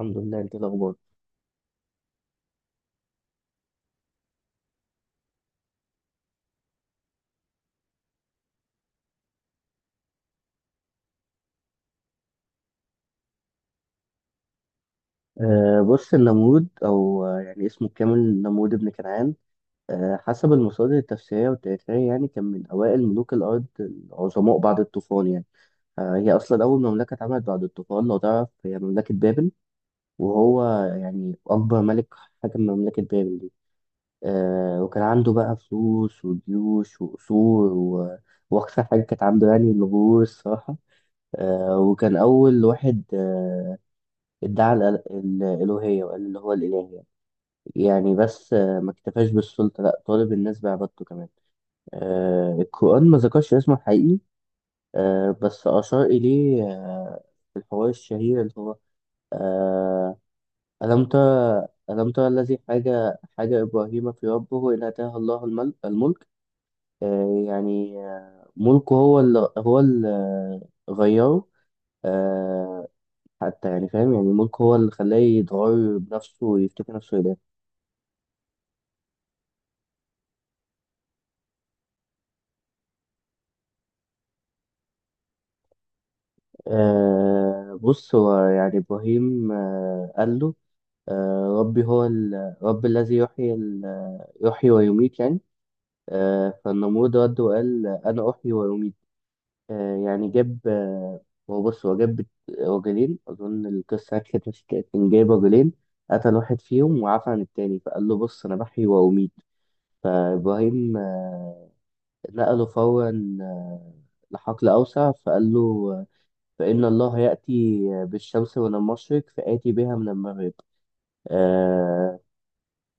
الحمد لله، انت ايه الاخبار؟ بص النمرود او يعني اسمه الكامل نمرود بن كنعان. حسب المصادر التفسيريه والتاريخيه كان من اوائل ملوك الارض العظماء بعد الطوفان يعني. هي اصلا اول مملكه اتعملت بعد الطوفان، لو تعرف، هي مملكه بابل. وهو يعني اكبر ملك حكم مملكه بابل دي. وكان عنده بقى فلوس وجيوش وقصور، و... واكثر حاجه كانت عنده يعني الغرور الصراحه. وكان اول واحد ادعى الالوهيه وقال اللي هو الاله يعني. بس ما اكتفاش بالسلطه، لا طالب الناس بعبادته كمان. آه، القران ما ذكرش اسمه الحقيقي، آه، بس اشار اليه، في الحوار الشهير اللي هو آه، الم ترى، الم ترى الذي حاجه ابراهيم في ربه ان اتاه الله الملك. آه، يعني آه، ملكه هو اللي غيره، آه، حتى يعني فاهم، يعني ملكه هو اللي خلاه يتغير بنفسه ويفتكر نفسه إله. بص، هو يعني إبراهيم قال له ربي هو ال، رب الذي يحيي ال، يحيي ويميت يعني. فالنمرود رد وقال أنا أحيي ويميت. آه يعني جاب آه هو بص، هو جاب رجلين. أظن القصة كانت ماشية كده، كان جايب رجلين، قتل واحد فيهم وعفى عن التاني، فقال له بص أنا بحيي وأميت. فإبراهيم نقله فورا لحقل أوسع فقال له فإن الله يأتي بالشمس من المشرق فآتي بها من المغرب. آه،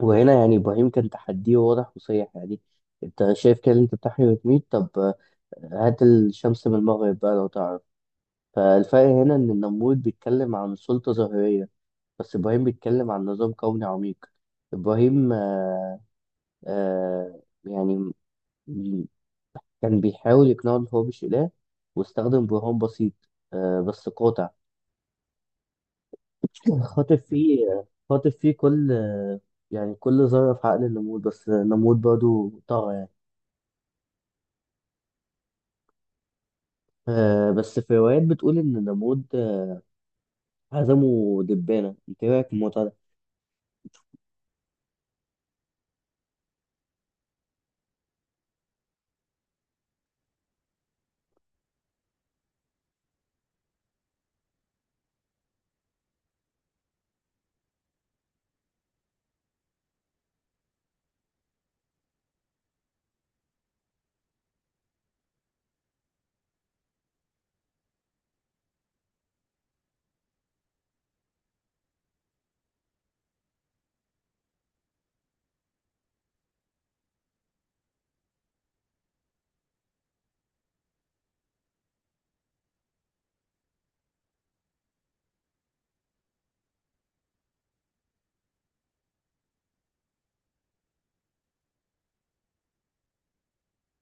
وهنا يعني إبراهيم كان تحديه واضح وصريح يعني. أنت شايف كده إن أنت بتحيي وتميت؟ طب آه، هات الشمس من المغرب بقى لو تعرف. فالفرق هنا إن النمرود بيتكلم عن سلطة ظاهرية، بس إبراهيم بيتكلم عن نظام كوني عميق. إبراهيم آه آه يعني م- كان بيحاول يقنعه إن هو مش إله، واستخدم برهان بسيط، آه، بس قاطع. خاطف فيه كل ذرة في عقل النمود، بس النمود برضه طغى يعني. آه، بس في روايات بتقول إن النمود عزمه دبانة. أنت إيه رأيك في الموضوع ده؟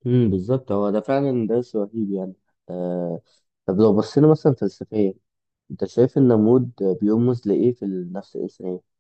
بالظبط، هو ده فعلا درس رهيب يعني. آه، طب لو بصينا مثلا فلسفيا، أنت شايف النمود بيرمز لإيه في النفس الإنسانية؟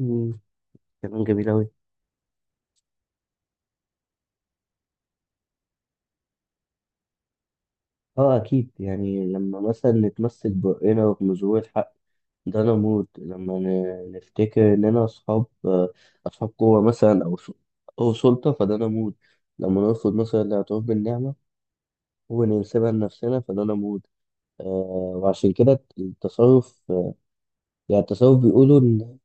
امم كلام جميل أوي. اه اكيد، يعني لما مثلا نتمسك برأينا وبنظهور الحق، ده انا موت. لما نفتكر اننا اصحاب قوه مثلا، او سلطه، فده انا موت. لما نرفض مثلا الاعتراف بالنعمه وننسبها لنفسنا، فده انا موت. وعشان كده التصرف، بيقولوا ان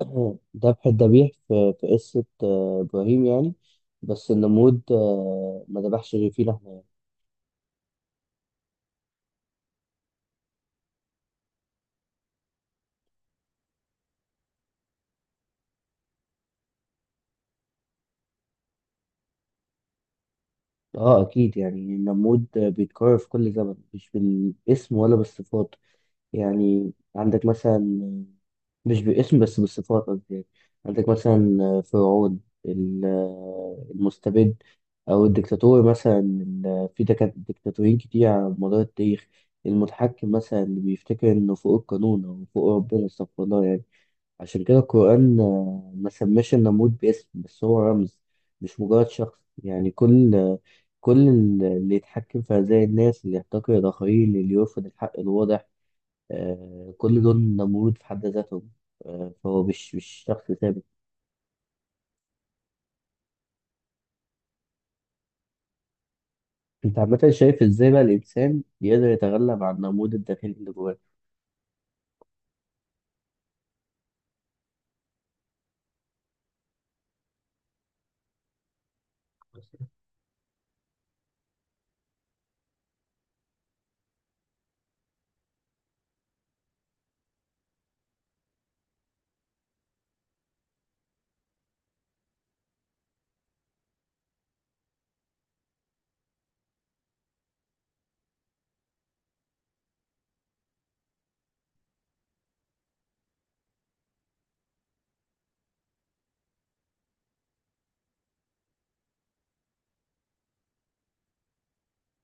آه، ذبح الذبيح في قصه آه ابراهيم يعني. بس النمرود ما ذبحش غير فيه لحمه. اه اكيد، يعني النمود بيتكرر في كل زمن، مش بالاسم ولا بالصفات. يعني عندك مثلا، مش باسم بس بالصفات قصدي يعني. عندك مثلا فرعون، ال- المستبد، او الدكتاتور مثلا، في دكتاتورين كتير على مدار التاريخ. المتحكم مثلا اللي بيفتكر انه فوق القانون او فوق ربنا، استغفر الله يعني. عشان كده القرآن آه، ما سماش النمرود باسم، بس هو رمز، مش مجرد شخص يعني. كل آه، كل اللي يتحكم في أذى الناس، اللي يحتقر الآخرين، اللي يرفض الحق الواضح، آه، كل دول نمرود في حد ذاتهم. آه، فهو مش شخص ثابت. أنت عامة شايف إزاي بقى الإنسان يقدر يتغلب على النمرود الداخلي اللي جواه؟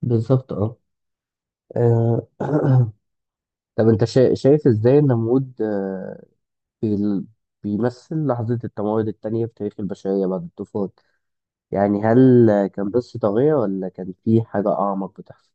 بالظبط أه. آه، طب أنت شايف إزاي النمرود بال- بيمثل لحظة التمرد التانية في تاريخ البشرية بعد الطوفان؟ يعني هل كان بس طاغية ولا كان في حاجة أعمق بتحصل؟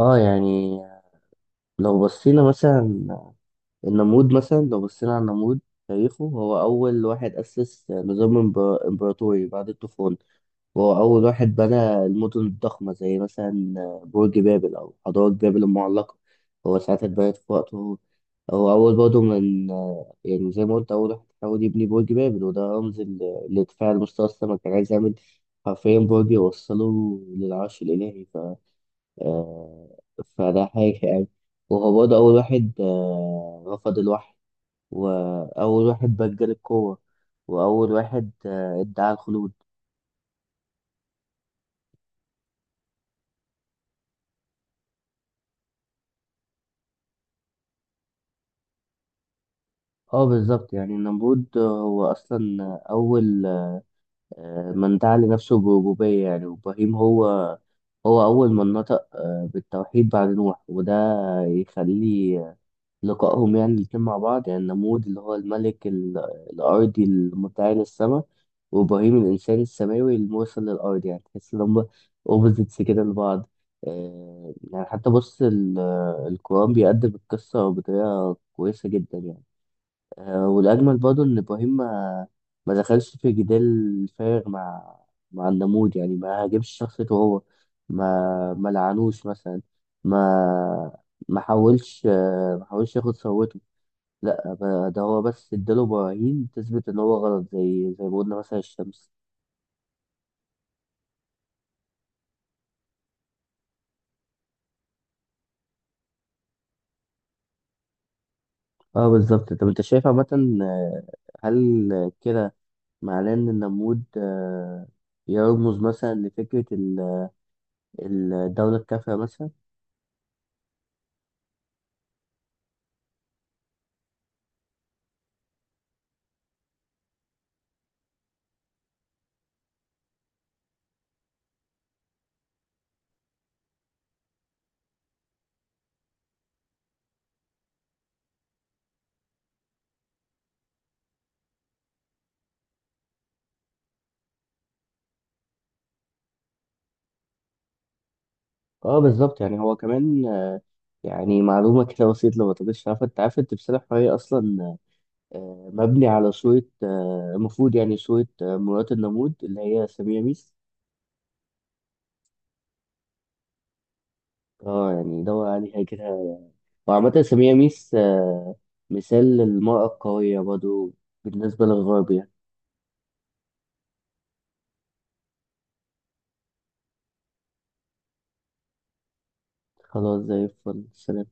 آه يعني لو بصينا مثلا النمرود، مثلا لو بصينا على النمرود، تاريخه هو أول واحد أسس نظام إمبراطوري بعد الطوفان. وهو أول واحد بنى المدن الضخمة، زي مثلا برج بابل، أو حضارة بابل المعلقة هو ساعتها اتبنت في وقته. هو أول برضه من، يعني زي ما قلت، أول واحد حاول يبني برج بابل، وده رمز لارتفاع المستوى السما، كان عايز يعمل حرفيا برج يوصله للعرش الإلهي. ف آه، فده حاجة يعني. وهو برضه أول واحد آه، رفض الوحي، وأول واحد بجل القوة، وأول واحد آه، ادعى الخلود. اه بالظبط، يعني النمرود هو اصلا اول آه، من دعا لنفسه بربوبية يعني. وابراهيم هو، هو اول من نطق آه، بالتوحيد بعد نوح، وده يخلي لقائهم يعني الاتنين مع بعض. يعني النمرود اللي هو الملك الارضي المدعي للسماء، وابراهيم الانسان السماوي المرسل للارض، يعني تحس ان هم اوبوزيتس كده لبعض. آه، يعني حتى بص القرآن بيقدم القصة بطريقة كويسة جدا يعني. آه، والأجمل برضه إن إبراهيم ما دخلش في جدال فارغ مع النمود يعني، ما هاجمش شخصيته هو، ما لعنوش مثلا، ما ما حاولش آه، ما حاولش ياخد ثروته. لا، ده هو بس اداله براهين تثبت إن هو غلط، زي ما قلنا مثلا الشمس. اه بالظبط، طب انت شايف عامة آه، هل كده معناه إن النمود آه، يرمز مثلا لفكرة الدولة الكافية مثلا؟ اه بالظبط، يعني هو كمان آه، يعني معلومة كده بسيطة لو ما تبقاش عارفة، انت عارف التمثال الحراري اصلا آه، مبني على صورة آه، المفروض يعني صورة آه، مرات النمود اللي هي سمية ميس. اه يعني دور عليها كده. وعامة سمية ميس آه، مثال للمرأة القوية برضه بالنسبة للغرب يعني. خلاص، زي الفل، سلام.